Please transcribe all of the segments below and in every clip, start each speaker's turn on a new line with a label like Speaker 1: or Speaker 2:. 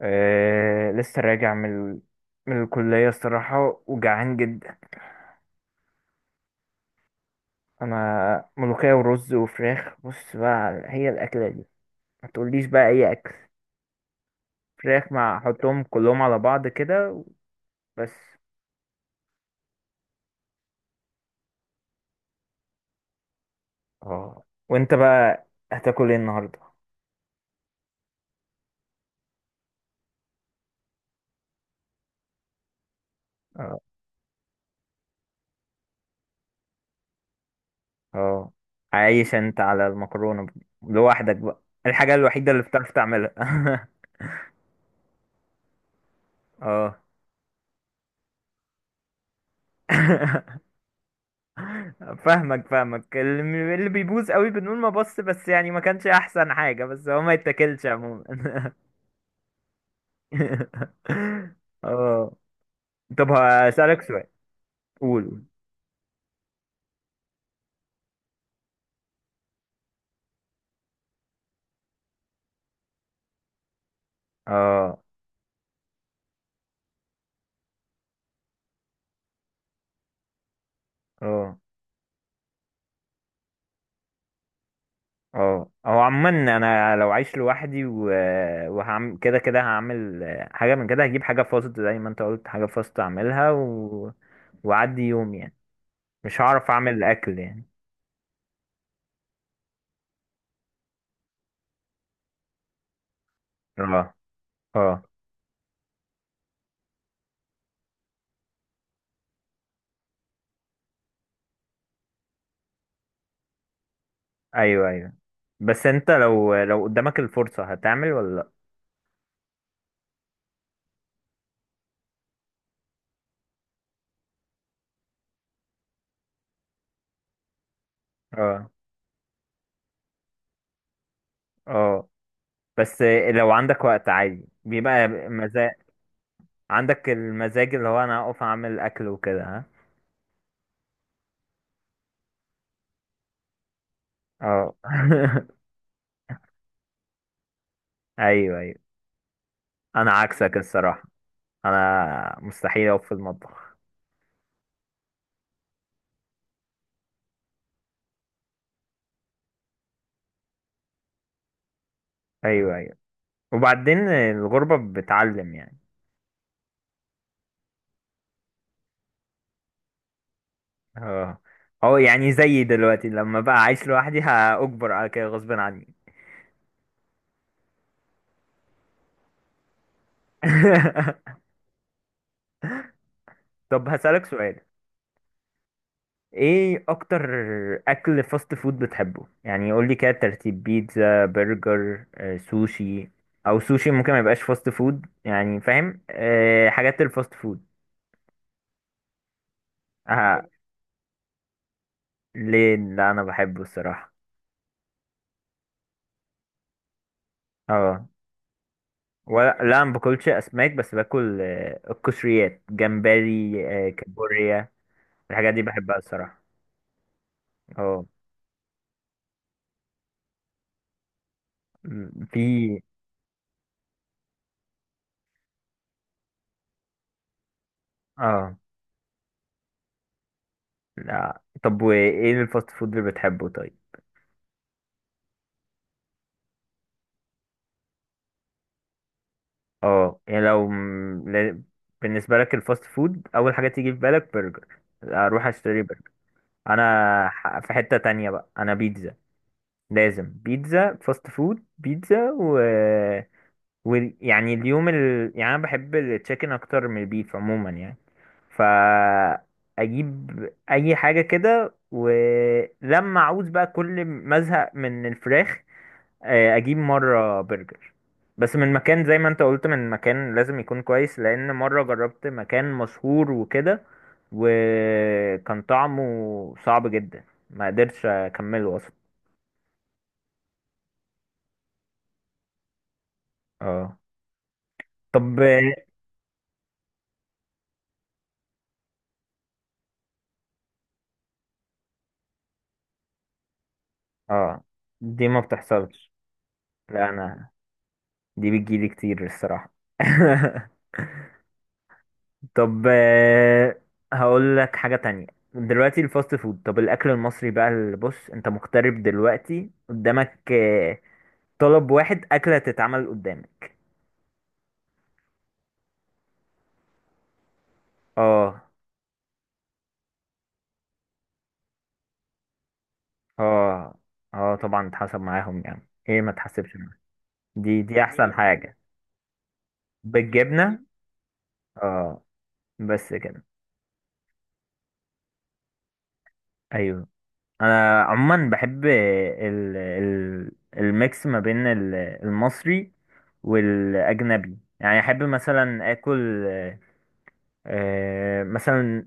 Speaker 1: أه، لسه راجع من من الكلية. الصراحة وجعان جدا. أنا ملوخية ورز وفراخ. بص بقى هي الأكلة دي، ما تقوليش بقى أي أكل. فراخ مع، أحطهم كلهم على بعض كده، بس. اه، وأنت بقى هتاكل إيه النهاردة؟ اه، اه، عايش أنت على المكرونة لوحدك بقى؟ الحاجة الوحيدة اللي بتعرف تعملها. اه. فاهمك فاهمك، اللي بيبوظ قوي بنقول ما بص، بس يعني ما كانش احسن حاجة، بس هو ما يتاكلش عموما. اه، طب هسألك سؤال. قول قول. اه، اه، اه، هو عموما انا لو عايش لوحدي وهعمل كده، كده هعمل حاجة. من كده هجيب حاجة فاست، زي ما انت قلت، حاجة فاست اعملها وعدي يوم يعني. مش هعرف اعمل اكل يعني. اه، اه، ايوه ايوه، بس انت لو قدامك الفرصة هتعمل ولا لا؟ اه، اه، بس لو عندك وقت عادي بيبقى مزاج. عندك المزاج اللي هو انا اقف اعمل اكل وكده، ها؟ اه، ايوه ايوه، انا عكسك الصراحة، انا مستحيل اقف في المطبخ. ايوه ايوه، وبعدين الغربة بتعلم يعني. اه، اه يعني زيي دلوقتي لما بقى عايش لوحدي هأجبر على كده غصب عني. طب هسألك سؤال، ايه اكتر اكل فاست فود بتحبه؟ يعني قول لي كده ترتيب: بيتزا، برجر، آه، سوشي. او سوشي ممكن ما يبقاش فاست فود، يعني فاهم؟ أه، حاجات الفاست فود. آه، ليه لا، انا بحبه الصراحه. اه، ولا لا ما باكلش اسماك، بس باكل، آه، القشريات، جمبري، آه، كابوريا. الحاجات دي بحبها الصراحه. اه، في. اه، لا، طب وايه الفاست فود اللي بتحبه طيب؟ اه يعني لو بالنسبة لك الفاست فود أول حاجة تيجي في بالك برجر، أروح أشتري برجر. أنا، في حتة تانية بقى، أنا بيتزا، لازم بيتزا. فاست فود بيتزا ويعني اليوم يعني أنا بحب التشيكن أكتر من البيف عموما يعني. فأجيب أي حاجة كده، ولما أعوز بقى، كل ما أزهق من الفراخ، آه، اجيب مره برجر. بس من مكان، زي ما انت قلت، من مكان لازم يكون كويس، لان مره جربت مكان مشهور وكده، وكان طعمه صعب جدا، ما قدرتش اكمله اصلا. اه، طب. اه، دي ما بتحصلش. لا انا دي بتجيلي كتير الصراحه. طب آه، هقول لك حاجه تانية. دلوقتي الفاست فود، طب الاكل المصري بقى. اللي بص، انت مغترب دلوقتي قدامك، آه، طلب واحد أكلة تتعمل قدامك. اه، اه، اه طبعا اتحسب معاهم، يعني ايه ما تحسبش معاهم، دي أحسن جميل حاجة. بالجبنة. اه، بس كده. أيوه. أنا عموما بحب ال الميكس ما بين المصري والأجنبي، يعني أحب مثلا آكل، آه، مثلا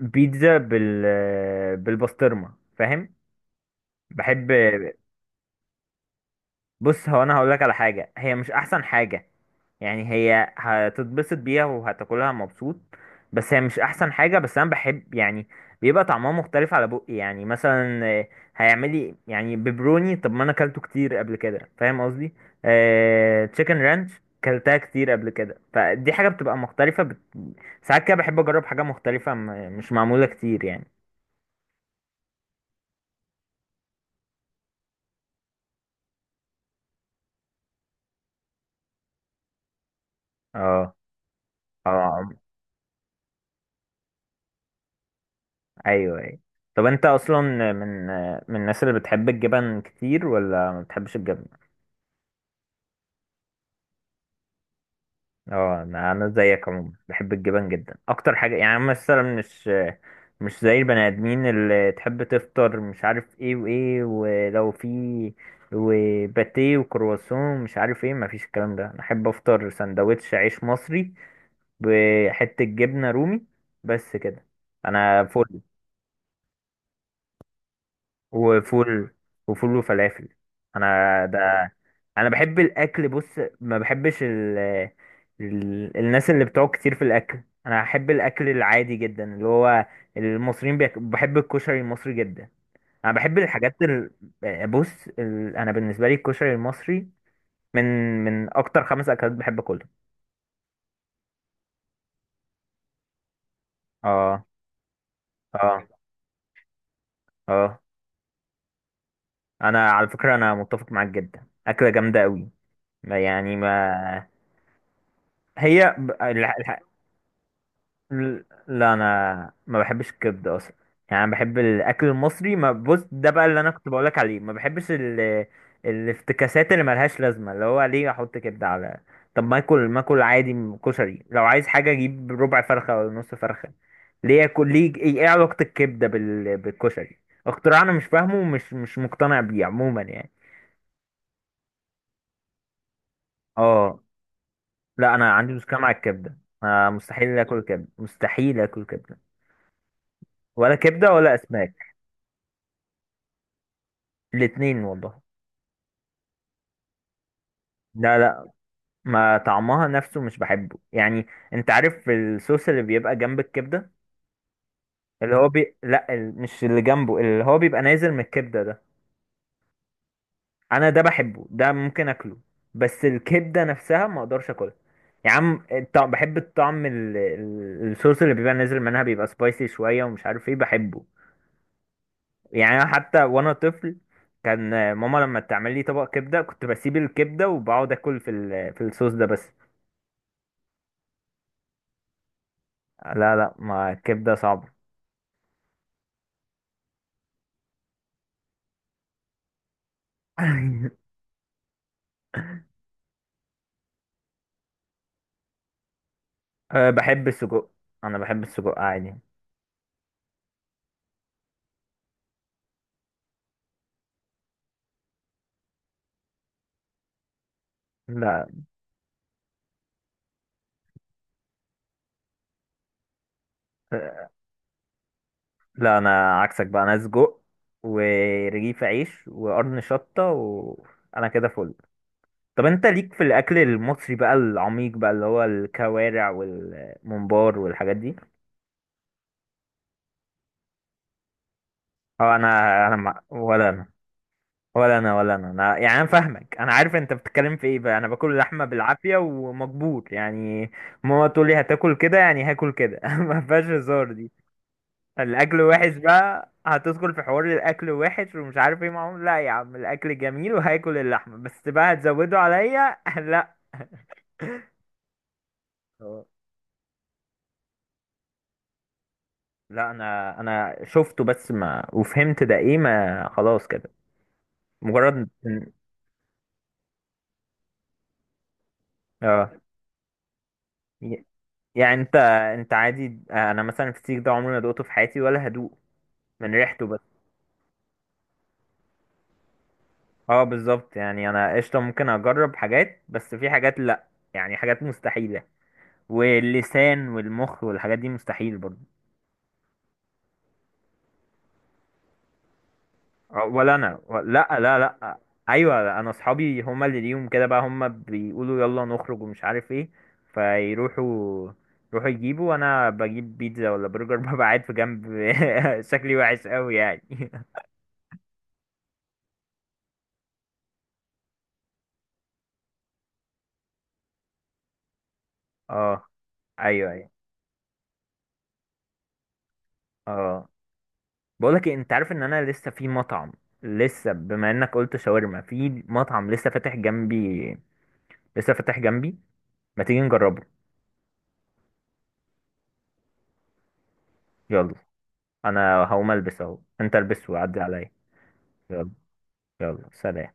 Speaker 1: بيتزا بالبسطرمة، فاهم. بحب. بص هو انا هقول لك على حاجه، هي مش احسن حاجه، يعني هي هتتبسط بيها وهتاكلها مبسوط، بس هي مش احسن حاجة، بس انا بحب يعني بيبقى طعمها مختلف على بقي. يعني مثلا آه، هيعملي يعني بيبروني، طب ما انا اكلته كتير قبل كده، فاهم قصدي. آه تشيكن رانش، كلتها كتير قبل كده، فدي حاجة بتبقى مختلفة ساعات كده بحب اجرب حاجة مختلفة مش معمولة كتير يعني. اه، اه، ايوه ايوه. طب انت اصلا، من من الناس اللي بتحب الجبن كتير ولا ما بتحبش الجبن؟ اه، انا، زيك عموما بحب الجبن جدا اكتر حاجه. يعني مثلا مش زي البني ادمين اللي تحب تفطر مش عارف ايه وايه، ولو في وباتيه وكرواسون مش عارف ايه، مفيش الكلام ده. انا احب افطر سندوتش عيش مصري بحته جبنه رومي، بس كده. انا. وفول، وفول وفلافل، انا. ده، انا بحب الاكل. بص ما بحبش الناس اللي بتقعد كتير في الاكل، انا احب الاكل العادي جدا. اللي هو المصريين بحب الكشري المصري جدا. انا بحب الحاجات بص انا بالنسبه لي الكشري المصري من من اكتر خمس اكلات بحب اكلهم. اه، اه، اه انا على فكره انا متفق معاك جدا، اكله جامده قوي. يعني ما هي، لا انا ما بحبش الكبده اصلا، يعني انا بحب الاكل المصري. ما بص، ده بقى اللي انا كنت بقولك عليه، ما بحبش الافتكاسات اللي ملهاش لازمه. اللي هو ليه احط كبده على، طب ما اكل، ما اكل عادي، كشري. لو عايز حاجه اجيب ربع فرخه ولا نص فرخه، ليه اكل، ليه ايه، إيه علاقه الكبده بالكشري؟ اختراع انا مش فاهمه ومش مش مقتنع بيه عموما يعني. اه، لا انا عندي مشكله مع الكبده. آه مستحيل اكل كبده، مستحيل اكل كبده. ولا كبده ولا اسماك. الاتنين والله. لا لا، ما طعمها نفسه مش بحبه يعني. انت عارف الصوص اللي بيبقى جنب الكبدة، اللي هو لا مش اللي جنبه، اللي هو بيبقى نازل من الكبدة ده، انا ده بحبه، ده ممكن اكله، بس الكبدة نفسها ما اقدرش اكلها. يا عم الطعم، بحب الطعم الصوص اللي بيبقى نازل منها، بيبقى سبايسي شوية ومش عارف ايه، بحبه. يعني أنا حتى وانا طفل كان ماما لما تعمل لي طبق كبدة كنت بسيب الكبدة وبقعد اكل في في الصوص ده بس. لا لا، ما الكبدة صعبة. أه، بحب السجق، انا بحب السجق عادي. لا، أه لا انا عكسك بقى، انا سجق ورغيف عيش وقرن شطة وانا كده فل. طب انت ليك في الاكل المصري بقى العميق بقى، اللي هو الكوارع والممبار والحاجات دي؟ اه، انا، انا مع... ولا انا ولا انا يعني، انا فاهمك، انا عارف انت بتتكلم في ايه. بقى انا باكل لحمه بالعافيه ومجبور يعني. ماما تقول لي هتاكل كده، يعني هاكل كده، ما فيهاش هزار دي. الاكل وحش بقى، هتدخل في حوار الاكل وحش ومش عارف ايه معاهم، لا يا عم الاكل جميل وهاكل اللحمه، بس بقى هتزودوا عليا، لا. اه، لا انا، انا شفته بس ما، وفهمت ده ايه، ما خلاص كده، مجرد اه ي- يعني انت، انت عادي. انا مثلا الفسيخ ده عمري ما دقته في حياتي ولا هدوق، من ريحته بس. اه بالظبط، يعني انا قشطه ممكن اجرب حاجات، بس في حاجات لا، يعني حاجات مستحيله. واللسان والمخ والحاجات دي مستحيل برضه. ولا انا، لا. ايوه انا اصحابي هما اللي ليهم كده بقى، هما بيقولوا يلا نخرج ومش عارف ايه، فيروحوا يروحوا يجيبوا، وانا بجيب بيتزا ولا برجر، ببقى قاعد في جنب. شكلي وحش قوي يعني. اه، ايوه ايوه. اه بقولك إيه، انت عارف ان انا لسه في مطعم، لسه بما انك قلت شاورما، في مطعم لسه فاتح جنبي، لسه فاتح جنبي، ما تيجي نجربه؟ يلا، انا هقوم البس اهو، انت البس وعدي عليا. يلا، يلا سلام.